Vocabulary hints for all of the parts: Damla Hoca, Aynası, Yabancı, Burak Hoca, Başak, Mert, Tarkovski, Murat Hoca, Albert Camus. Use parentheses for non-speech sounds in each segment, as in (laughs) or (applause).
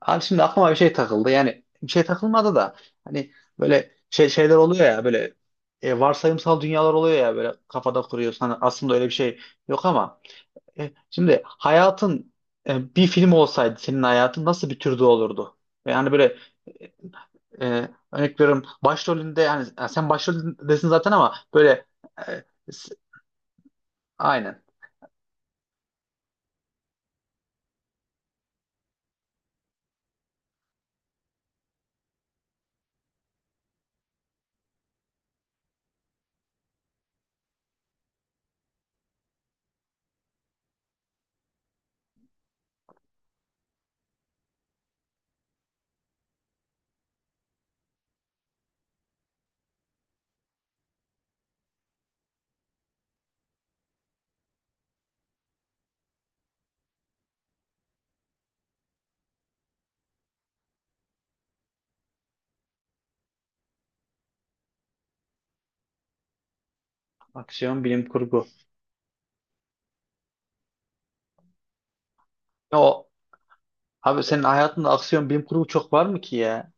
Abi şimdi aklıma bir şey takıldı. Yani bir şey takılmadı da hani böyle şeyler oluyor ya böyle, varsayımsal dünyalar oluyor ya, böyle kafada kuruyorsun. Hani aslında öyle bir şey yok ama şimdi hayatın bir film olsaydı senin hayatın nasıl bir türde olurdu? Yani böyle, e, örnek veriyorum başrolünde, yani sen başroldesin zaten, ama böyle e, s- aynen, aksiyon bilim kurgu. O, abi senin hayatında aksiyon bilim kurgu çok var mı ki ya?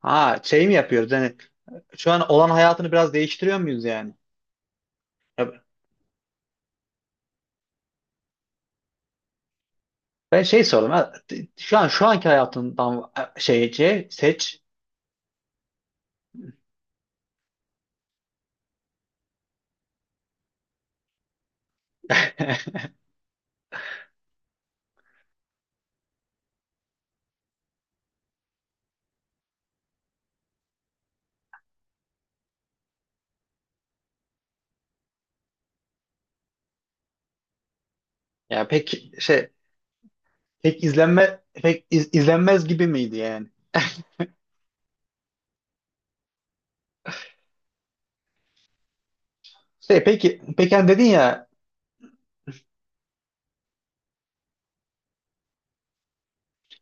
Ha şey mi yapıyoruz yani, şu an olan hayatını biraz değiştiriyor muyuz yani? Ya, ben şey sordum ha, şu an şu anki hayatından şeyce seç. (laughs) Ya pek şey, pek izlenme, pek izlenmez gibi miydi yani? Şey, peki peki hani dedin ya,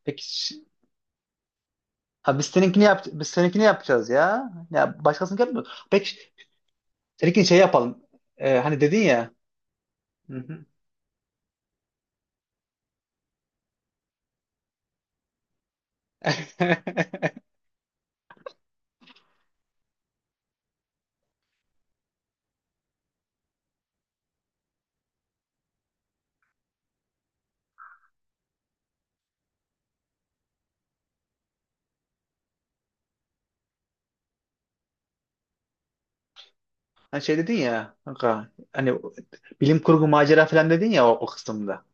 peki ş- ha, biz seninkini yap, biz seninkini yapacağız ya. Ya başkasını yapmıyor. Peki seninkini şey yapalım. Hani dedin ya. Hı hı. (laughs) Hani şey dedin ya kanka, hani bilim kurgu macera falan dedin ya o, o kısımda.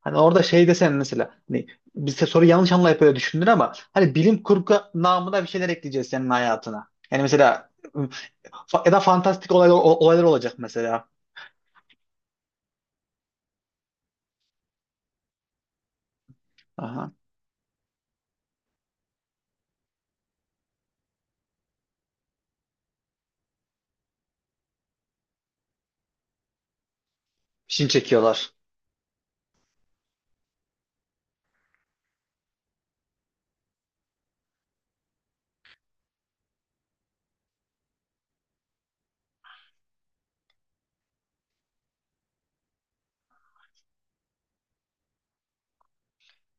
Hani orada şey desen mesela, hani bize soru yanlış anlayıp öyle düşündür, ama hani bilim kurgu namına bir şeyler ekleyeceğiz senin hayatına. Yani mesela ya da fantastik olaylar, olaylar olacak mesela. Aha. Şimdi çekiyorlar.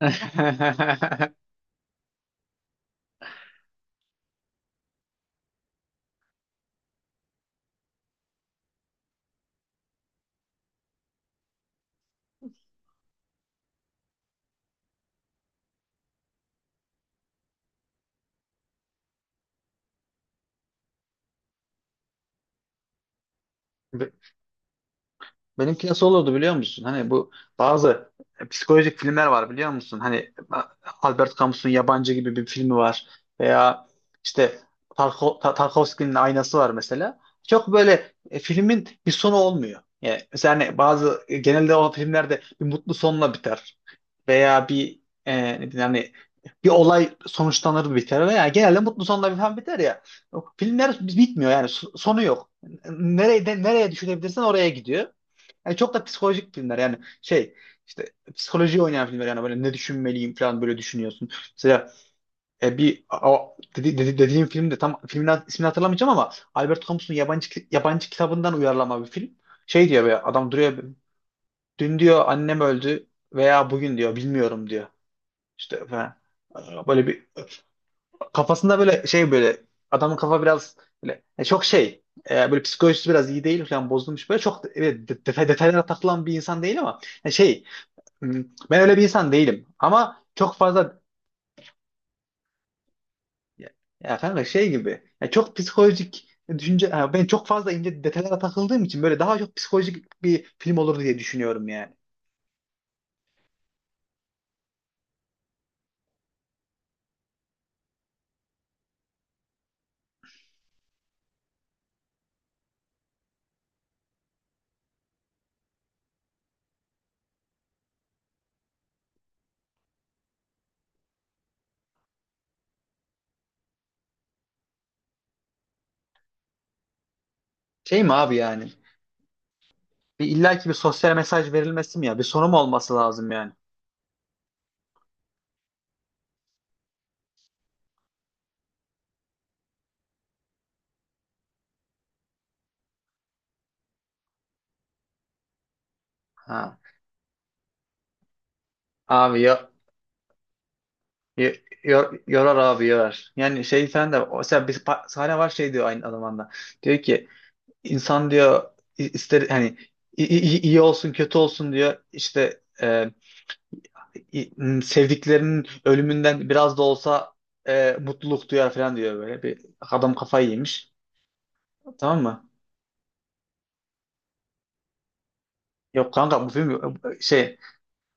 (laughs) Benimki nasıl olurdu biliyor musun? Hani bu bazı psikolojik filmler var biliyor musun? Hani Albert Camus'un Yabancı gibi bir filmi var, veya işte Tarkovski'nin Aynası var mesela. Çok böyle, filmin bir sonu olmuyor. Yani mesela hani bazı genelde o filmlerde bir mutlu sonla biter, veya bir, ne diyeyim, hani bir olay sonuçlanır biter, veya genelde mutlu sonla biten biter ya. Filmler bitmiyor yani, sonu yok. Nereye düşürebilirsen oraya gidiyor. Yani çok da psikolojik filmler, yani şey, işte psikoloji oynayan filmler, yani böyle ne düşünmeliyim falan böyle düşünüyorsun. Mesela, bir o, dediğim film de, tam filmin ismini hatırlamayacağım, ama Albert Camus'un yabancı yabancı kitabından uyarlama bir film. Şey diyor, be adam, duruyor, dün diyor annem öldü, veya bugün diyor bilmiyorum diyor. İşte falan. Böyle bir kafasında, böyle şey, böyle adamın kafa biraz böyle, çok şey, böyle psikolojisi biraz iyi değil falan, bozulmuş böyle çok, evet, detay, detaylara takılan bir insan değil ama yani şey. Hmm. Ben öyle bir insan değilim. Ama çok fazla ya, ya kanka şey gibi, ya çok psikolojik düşünce, ha, ben çok fazla ince detaylara takıldığım için böyle daha çok psikolojik bir film olur diye düşünüyorum yani. Şey mi abi yani? Bir illaki bir sosyal mesaj verilmesi mi ya? Bir sonu mu olması lazım yani? Ha. Abi ya, yo- yorar abi, yorar. Yani şey falan da, mesela bir sahne var, şey diyor aynı zamanda. Diyor ki, insan diyor, ister hani, iyi olsun kötü olsun diyor işte, sevdiklerinin ölümünden biraz da olsa mutluluk duyar falan diyor böyle. Bir adam kafayı yemiş. Tamam mı? Yok kanka, bu film şey,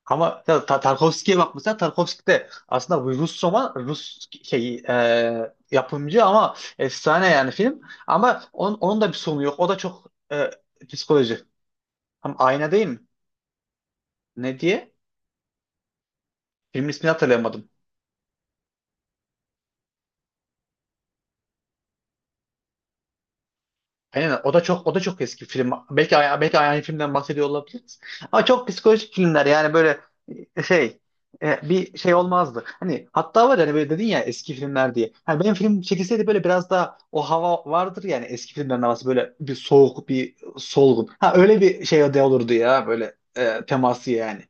ama ya, Tarkovski'ye bak mesela, Tarkovski de aslında bu Rus roman, Rus şey, yapımcı, ama efsane yani film, ama onun da bir sonu yok. O da çok psikoloji. Ama ayna değil mi? Ne diye? Filmin ismini hatırlayamadım. Aynen, o da çok, o da çok eski film. Belki aynı filmden bahsediyor olabiliriz. Ama çok psikolojik filmler, yani böyle, e, şey bir şey olmazdı. Hani hatta var yani, böyle dedin ya eski filmler diye. Hani benim film çekilseydi, böyle biraz daha o hava vardır yani, eski filmlerin havası, böyle bir soğuk, bir solgun. Ha öyle bir şey de olurdu ya, böyle teması yani.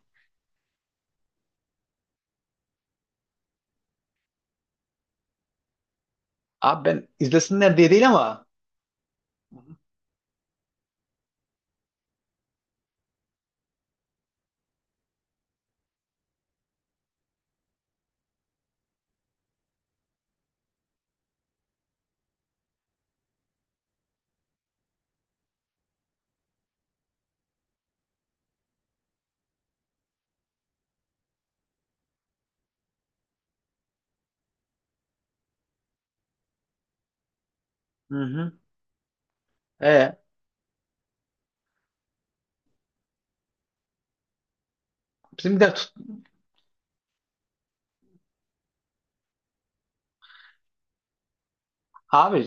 Abi ben izlesinler diye değil ama. Hı hı. E, bizim bir de tut- abi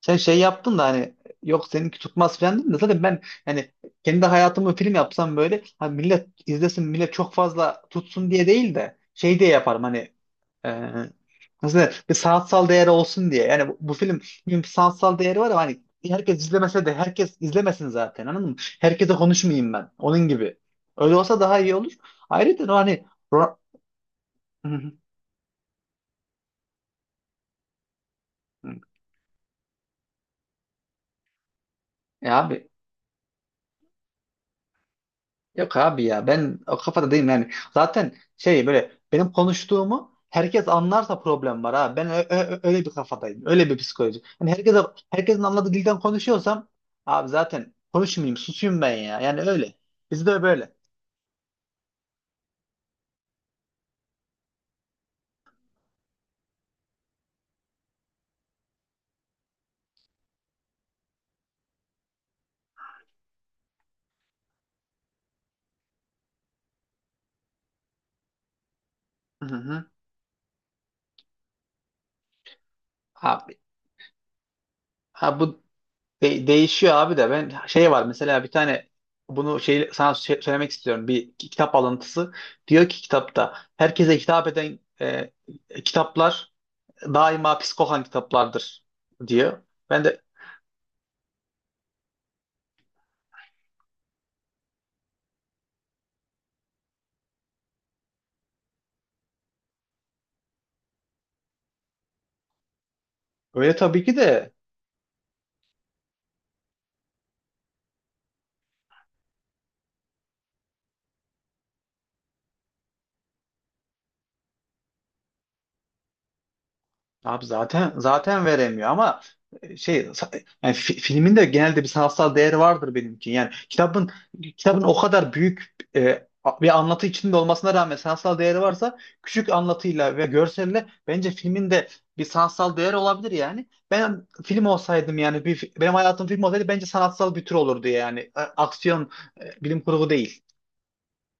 Sen şey yaptın da, hani yok seninki tutmaz falan dedin de, zaten ben yani kendi hayatımı film yapsam, böyle hani millet izlesin, millet çok fazla tutsun diye değil de, şey diye yaparım, hani, e, nasıl denir, bir sanatsal değeri olsun diye. Yani bu film bir sanatsal değeri var, ama hani herkes izlemese de, herkes izlemesin zaten, anladın mı? Herkese konuşmayayım ben onun gibi. Öyle olsa daha iyi olur. Ayrıca o hani Ro- (laughs) ya abi, yok abi ya, ben o kafada değilim yani. Zaten şey, böyle benim konuştuğumu herkes anlarsa problem var ha. Ben öyle bir kafadayım. Öyle bir psikoloji. Yani herkesin anladığı dilden konuşuyorsam abi zaten konuşmayayım, susayım ben ya. Yani öyle. Bizde böyle. Hı hı. Abi ha bu değişiyor abi, de ben şey var mesela, bir tane bunu şey sana söylemek istiyorum. Bir kitap alıntısı. Diyor ki kitapta, herkese hitap eden kitaplar daima psikohan kitaplardır, diyor. Ben de öyle tabii ki de, abi zaten veremiyor, ama yani filmin de genelde bir sanatsal değeri vardır, benimki. Yani kitabın o kadar büyük bir anlatı içinde olmasına rağmen sanatsal değeri varsa, küçük anlatıyla ve görselle bence filmin de bir sanatsal değeri olabilir yani. Ben film olsaydım yani, bir, benim hayatım film olsaydı bence sanatsal bir tür olurdu yani. Aksiyon, bilim kurgu değil.